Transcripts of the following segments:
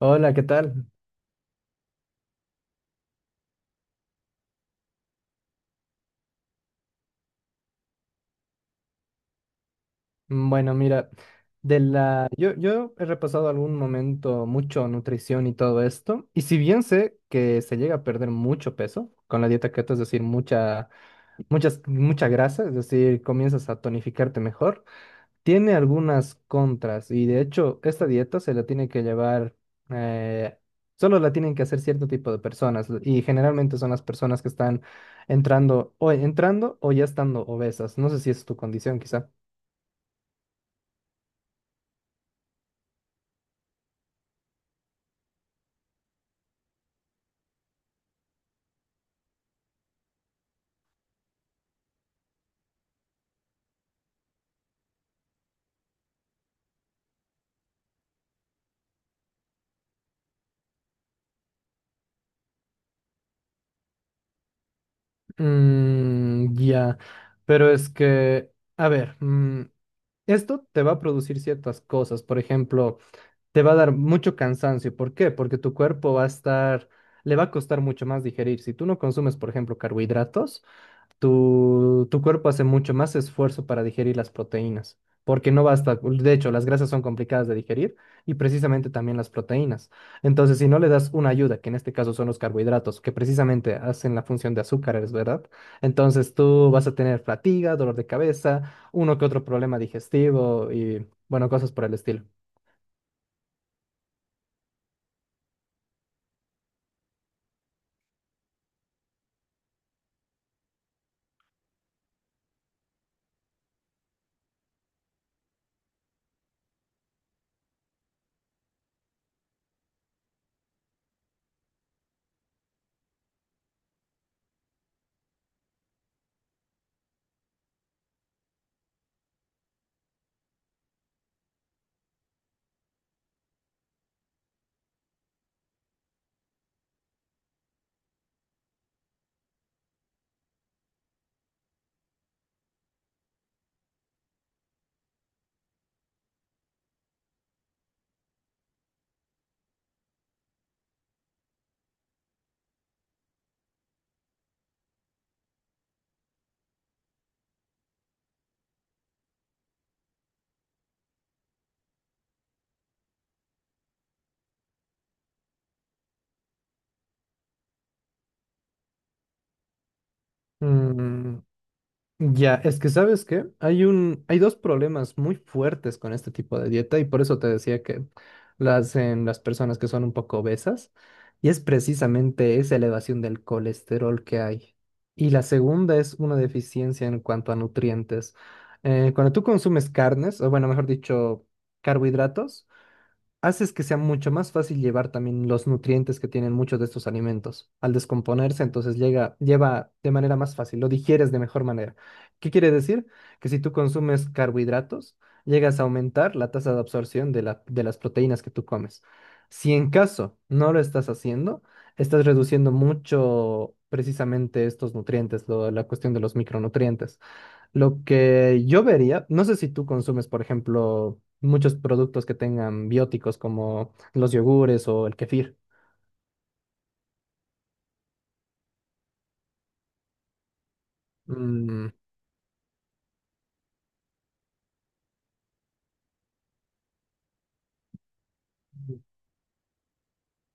Hola, ¿qué tal? Bueno, mira, yo he repasado algún momento mucho nutrición y todo esto, y si bien sé que se llega a perder mucho peso con la dieta keto, es decir, mucha grasa, es decir, comienzas a tonificarte mejor, tiene algunas contras, y de hecho, esta dieta se la tiene que llevar, eh, solo la tienen que hacer cierto tipo de personas, y generalmente son las personas que están entrando o ya estando obesas. No sé si es tu condición, quizá. Ya, pero es que, a ver, esto te va a producir ciertas cosas. Por ejemplo, te va a dar mucho cansancio. ¿Por qué? Porque tu cuerpo va a estar, le va a costar mucho más digerir. Si tú no consumes, por ejemplo, carbohidratos, tu cuerpo hace mucho más esfuerzo para digerir las proteínas, porque no basta, de hecho, las grasas son complicadas de digerir y precisamente también las proteínas. Entonces, si no le das una ayuda, que en este caso son los carbohidratos, que precisamente hacen la función de azúcares, ¿verdad? Entonces tú vas a tener fatiga, dolor de cabeza, uno que otro problema digestivo y, bueno, cosas por el estilo. Mm, Ya, es que ¿sabes qué? Hay dos problemas muy fuertes con este tipo de dieta y por eso te decía que las en las personas que son un poco obesas y es precisamente esa elevación del colesterol que hay. Y la segunda es una deficiencia en cuanto a nutrientes. Cuando tú consumes carnes, o bueno, mejor dicho, carbohidratos, haces que sea mucho más fácil llevar también los nutrientes que tienen muchos de estos alimentos. Al descomponerse, entonces lleva de manera más fácil, lo digieres de mejor manera. ¿Qué quiere decir? Que si tú consumes carbohidratos, llegas a aumentar la tasa de absorción de las proteínas que tú comes. Si en caso no lo estás haciendo, estás reduciendo mucho precisamente estos nutrientes, la cuestión de los micronutrientes. Lo que yo vería, no sé si tú consumes, por ejemplo, muchos productos que tengan bióticos como los yogures o el kefir. Mm,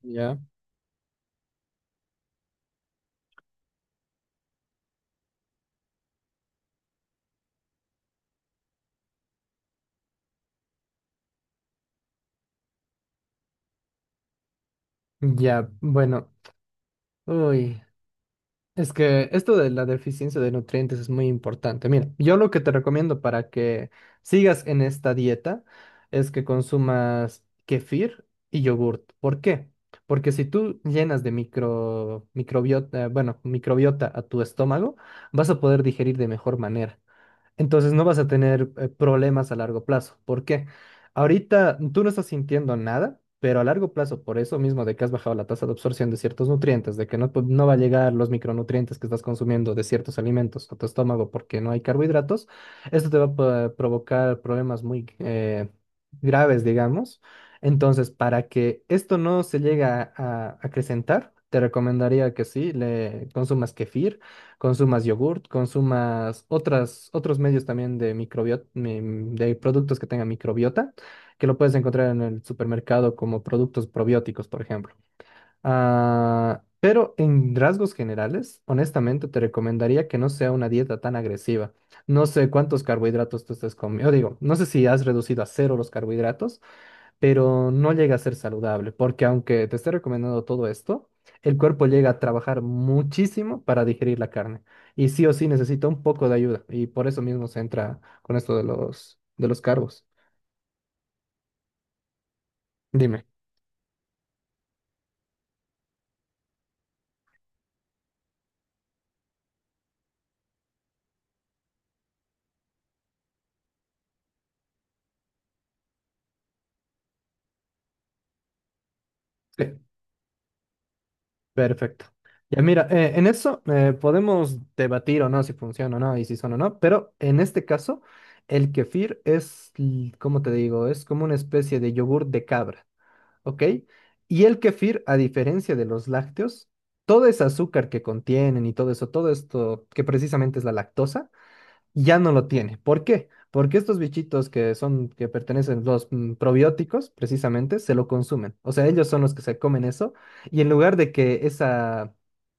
ya, ya, bueno, uy. Es que esto de la deficiencia de nutrientes es muy importante. Mira, yo lo que te recomiendo para que sigas en esta dieta es que consumas kefir y yogurt. ¿Por qué? Porque si tú llenas de microbiota, bueno, microbiota a tu estómago, vas a poder digerir de mejor manera. Entonces no vas a tener problemas a largo plazo. ¿Por qué? Ahorita tú no estás sintiendo nada, pero a largo plazo, por eso mismo de que has bajado la tasa de absorción de ciertos nutrientes, de que no va a llegar los micronutrientes que estás consumiendo de ciertos alimentos a tu estómago porque no hay carbohidratos, esto te va a provocar problemas muy graves, digamos. Entonces, para que esto no se llegue a, acrecentar, te recomendaría que sí, le consumas kefir. Consumas yogurt, consumas otros medios también de microbiota, de productos que tengan microbiota, que lo puedes encontrar en el supermercado como productos probióticos, por ejemplo. Ah, pero en rasgos generales, honestamente, te recomendaría que no sea una dieta tan agresiva. No sé cuántos carbohidratos tú estés comiendo, digo, no sé si has reducido a cero los carbohidratos pero no llega a ser saludable, porque aunque te esté recomendando todo esto, el cuerpo llega a trabajar muchísimo para digerir la carne y sí o sí necesita un poco de ayuda y por eso mismo se entra con esto de los carbos. Dime. Sí. Perfecto. Ya mira, en eso podemos debatir o no si funciona o no y si son o no, pero en este caso el kefir es, ¿cómo te digo? Es como una especie de yogur de cabra. ¿Ok? Y el kefir, a diferencia de los lácteos, todo ese azúcar que contienen y todo eso, todo esto que precisamente es la lactosa, ya no lo tiene. ¿Por qué? Porque estos bichitos que son, que pertenecen los probióticos, precisamente, se lo consumen. O sea, ellos son los que se comen eso. Y en lugar de que esa,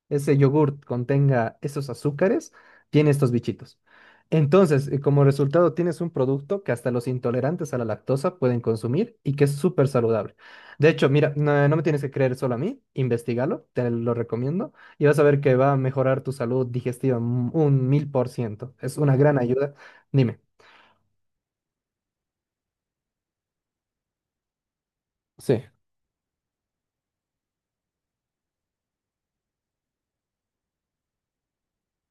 ese yogurt contenga esos azúcares, tiene estos bichitos. Entonces, como resultado, tienes un producto que hasta los intolerantes a la lactosa pueden consumir y que es súper saludable. De hecho, mira, no, no me tienes que creer solo a mí, investigalo, te lo recomiendo y vas a ver que va a mejorar tu salud digestiva un 1000%. Es una gran ayuda. Dime. Sí.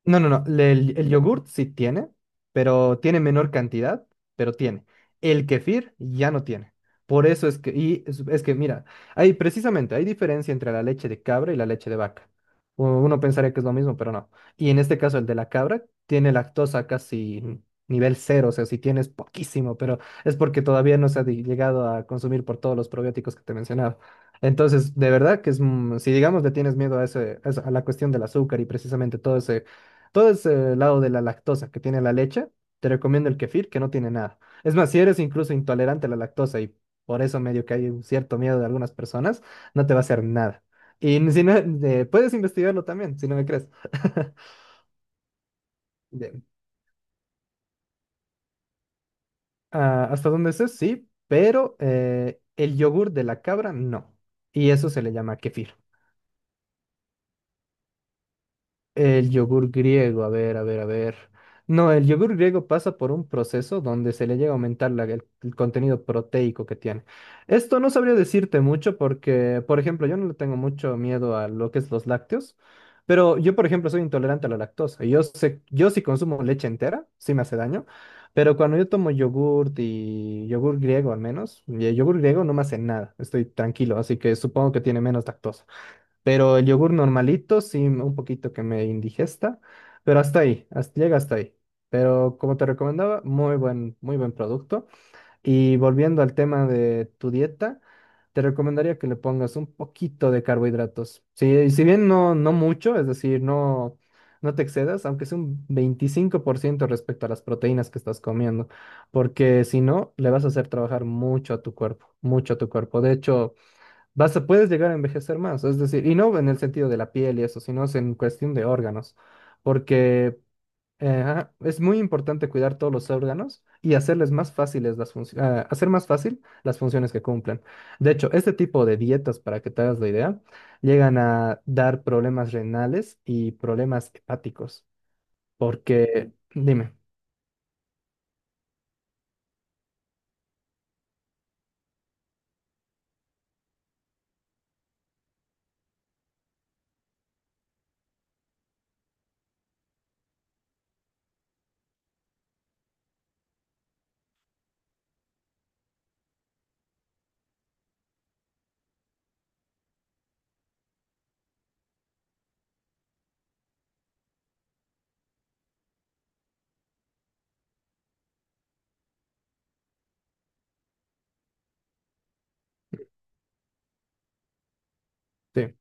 No, no, no. El yogurt sí tiene, pero tiene menor cantidad, pero tiene. El kefir ya no tiene. Por eso es que, y es que mira, hay precisamente, hay diferencia entre la leche de cabra y la leche de vaca. Uno pensaría que es lo mismo, pero no. Y en este caso, el de la cabra tiene lactosa casi nivel cero, o sea, si tienes poquísimo, pero es porque todavía no se ha llegado a consumir por todos los probióticos que te mencionaba. Entonces, de verdad que es, mm, si digamos le tienes miedo a a la cuestión del azúcar y precisamente todo ese lado de la lactosa que tiene la leche, te recomiendo el kefir, que no tiene nada. Es más, si eres incluso intolerante a la lactosa y por eso medio que hay un cierto miedo de algunas personas, no te va a hacer nada. Y si no, puedes investigarlo también, si no me crees. Bien. Ah, ¿hasta dónde sé? Sí, pero el yogur de la cabra no. Y eso se le llama kefir. El yogur griego, a ver, a ver, a ver. No, el yogur griego pasa por un proceso donde se le llega a aumentar el contenido proteico que tiene. Esto no sabría decirte mucho porque, por ejemplo, yo no le tengo mucho miedo a lo que es los lácteos, pero yo, por ejemplo, soy intolerante a la lactosa. Y yo sé, yo si consumo leche entera, sí me hace daño, pero cuando yo tomo yogur y yogur griego al menos, y el yogur griego no me hace nada, estoy tranquilo, así que supongo que tiene menos lactosa. Pero el yogur normalito, sí, un poquito que me indigesta, pero hasta ahí, hasta, llega hasta ahí. Pero como te recomendaba, muy buen producto. Y volviendo al tema de tu dieta, te recomendaría que le pongas un poquito de carbohidratos. Si, si bien no, no mucho, es decir, no, no te excedas, aunque sea un 25% respecto a las proteínas que estás comiendo, porque si no, le vas a hacer trabajar mucho a tu cuerpo, mucho a tu cuerpo. De hecho, vas a, puedes llegar a envejecer más, es decir, y no en el sentido de la piel y eso, sino es en cuestión de órganos, porque ajá, es muy importante cuidar todos los órganos y hacerles más fáciles hacer más fácil las funciones que cumplen. De hecho, este tipo de dietas, para que te hagas la idea, llegan a dar problemas renales y problemas hepáticos, porque, dime, sí,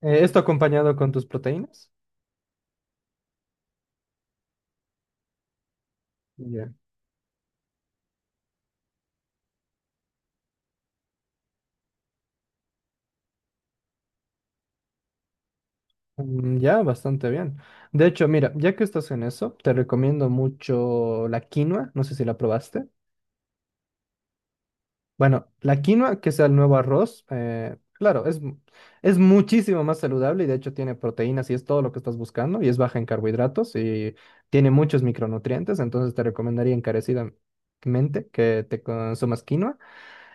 ¿esto acompañado con tus proteínas? Ya, bastante bien. De hecho, mira, ya que estás en eso, te recomiendo mucho la quinoa. No sé si la probaste. Bueno, la quinoa, que sea el nuevo arroz, claro, es, es muchísimo más saludable y de hecho tiene proteínas y es todo lo que estás buscando y es baja en carbohidratos y tiene muchos micronutrientes. Entonces te recomendaría encarecidamente que te consumas quinoa.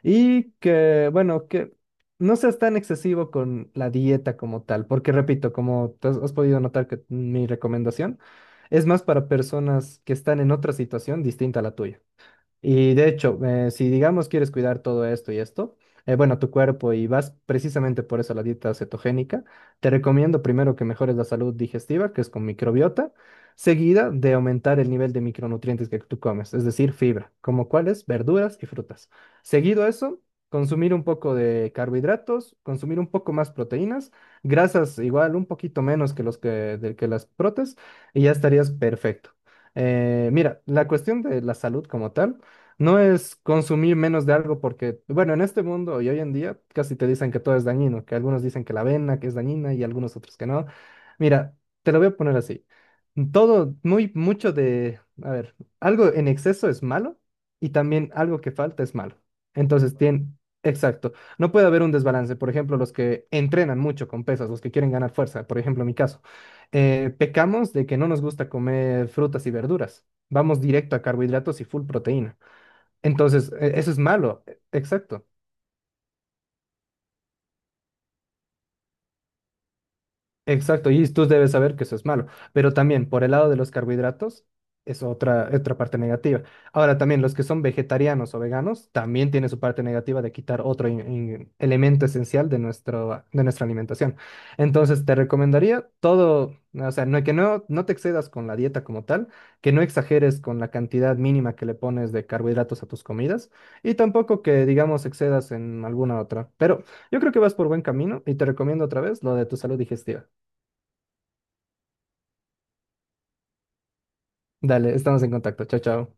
Y que, bueno, que no seas tan excesivo con la dieta como tal, porque repito, como te has podido notar que mi recomendación es más para personas que están en otra situación distinta a la tuya. Y de hecho, si digamos quieres cuidar todo esto y esto, bueno, tu cuerpo y vas precisamente por eso a la dieta cetogénica, te recomiendo primero que mejores la salud digestiva, que es con microbiota, seguida de aumentar el nivel de micronutrientes que tú comes, es decir, fibra, como cuáles, verduras y frutas. Seguido a eso, consumir un poco de carbohidratos, consumir un poco más proteínas, grasas igual un poquito menos que que las protes, y ya estarías perfecto. Mira, la cuestión de la salud como tal. No es consumir menos de algo porque, bueno, en este mundo y hoy en día casi te dicen que todo es dañino, que algunos dicen que la avena que es dañina y algunos otros que no. Mira, te lo voy a poner así. Todo, muy, mucho de, a ver, algo en exceso es malo y también algo que falta es malo. Entonces, tiene, exacto, no puede haber un desbalance. Por ejemplo, los que entrenan mucho con pesas, los que quieren ganar fuerza, por ejemplo, en mi caso, pecamos de que no nos gusta comer frutas y verduras. Vamos directo a carbohidratos y full proteína. Entonces, eso es malo, exacto. Exacto, y tú debes saber que eso es malo, pero también por el lado de los carbohidratos es otra parte negativa. Ahora también los que son vegetarianos o veganos también tiene su parte negativa de quitar otro elemento esencial de nuestra alimentación. Entonces te recomendaría todo, o sea, no, que no, no te excedas con la dieta como tal, que no exageres con la cantidad mínima que le pones de carbohidratos a tus comidas y tampoco que, digamos, excedas en alguna otra. Pero yo creo que vas por buen camino y te recomiendo otra vez lo de tu salud digestiva. Dale, estamos en contacto. Chao, chao.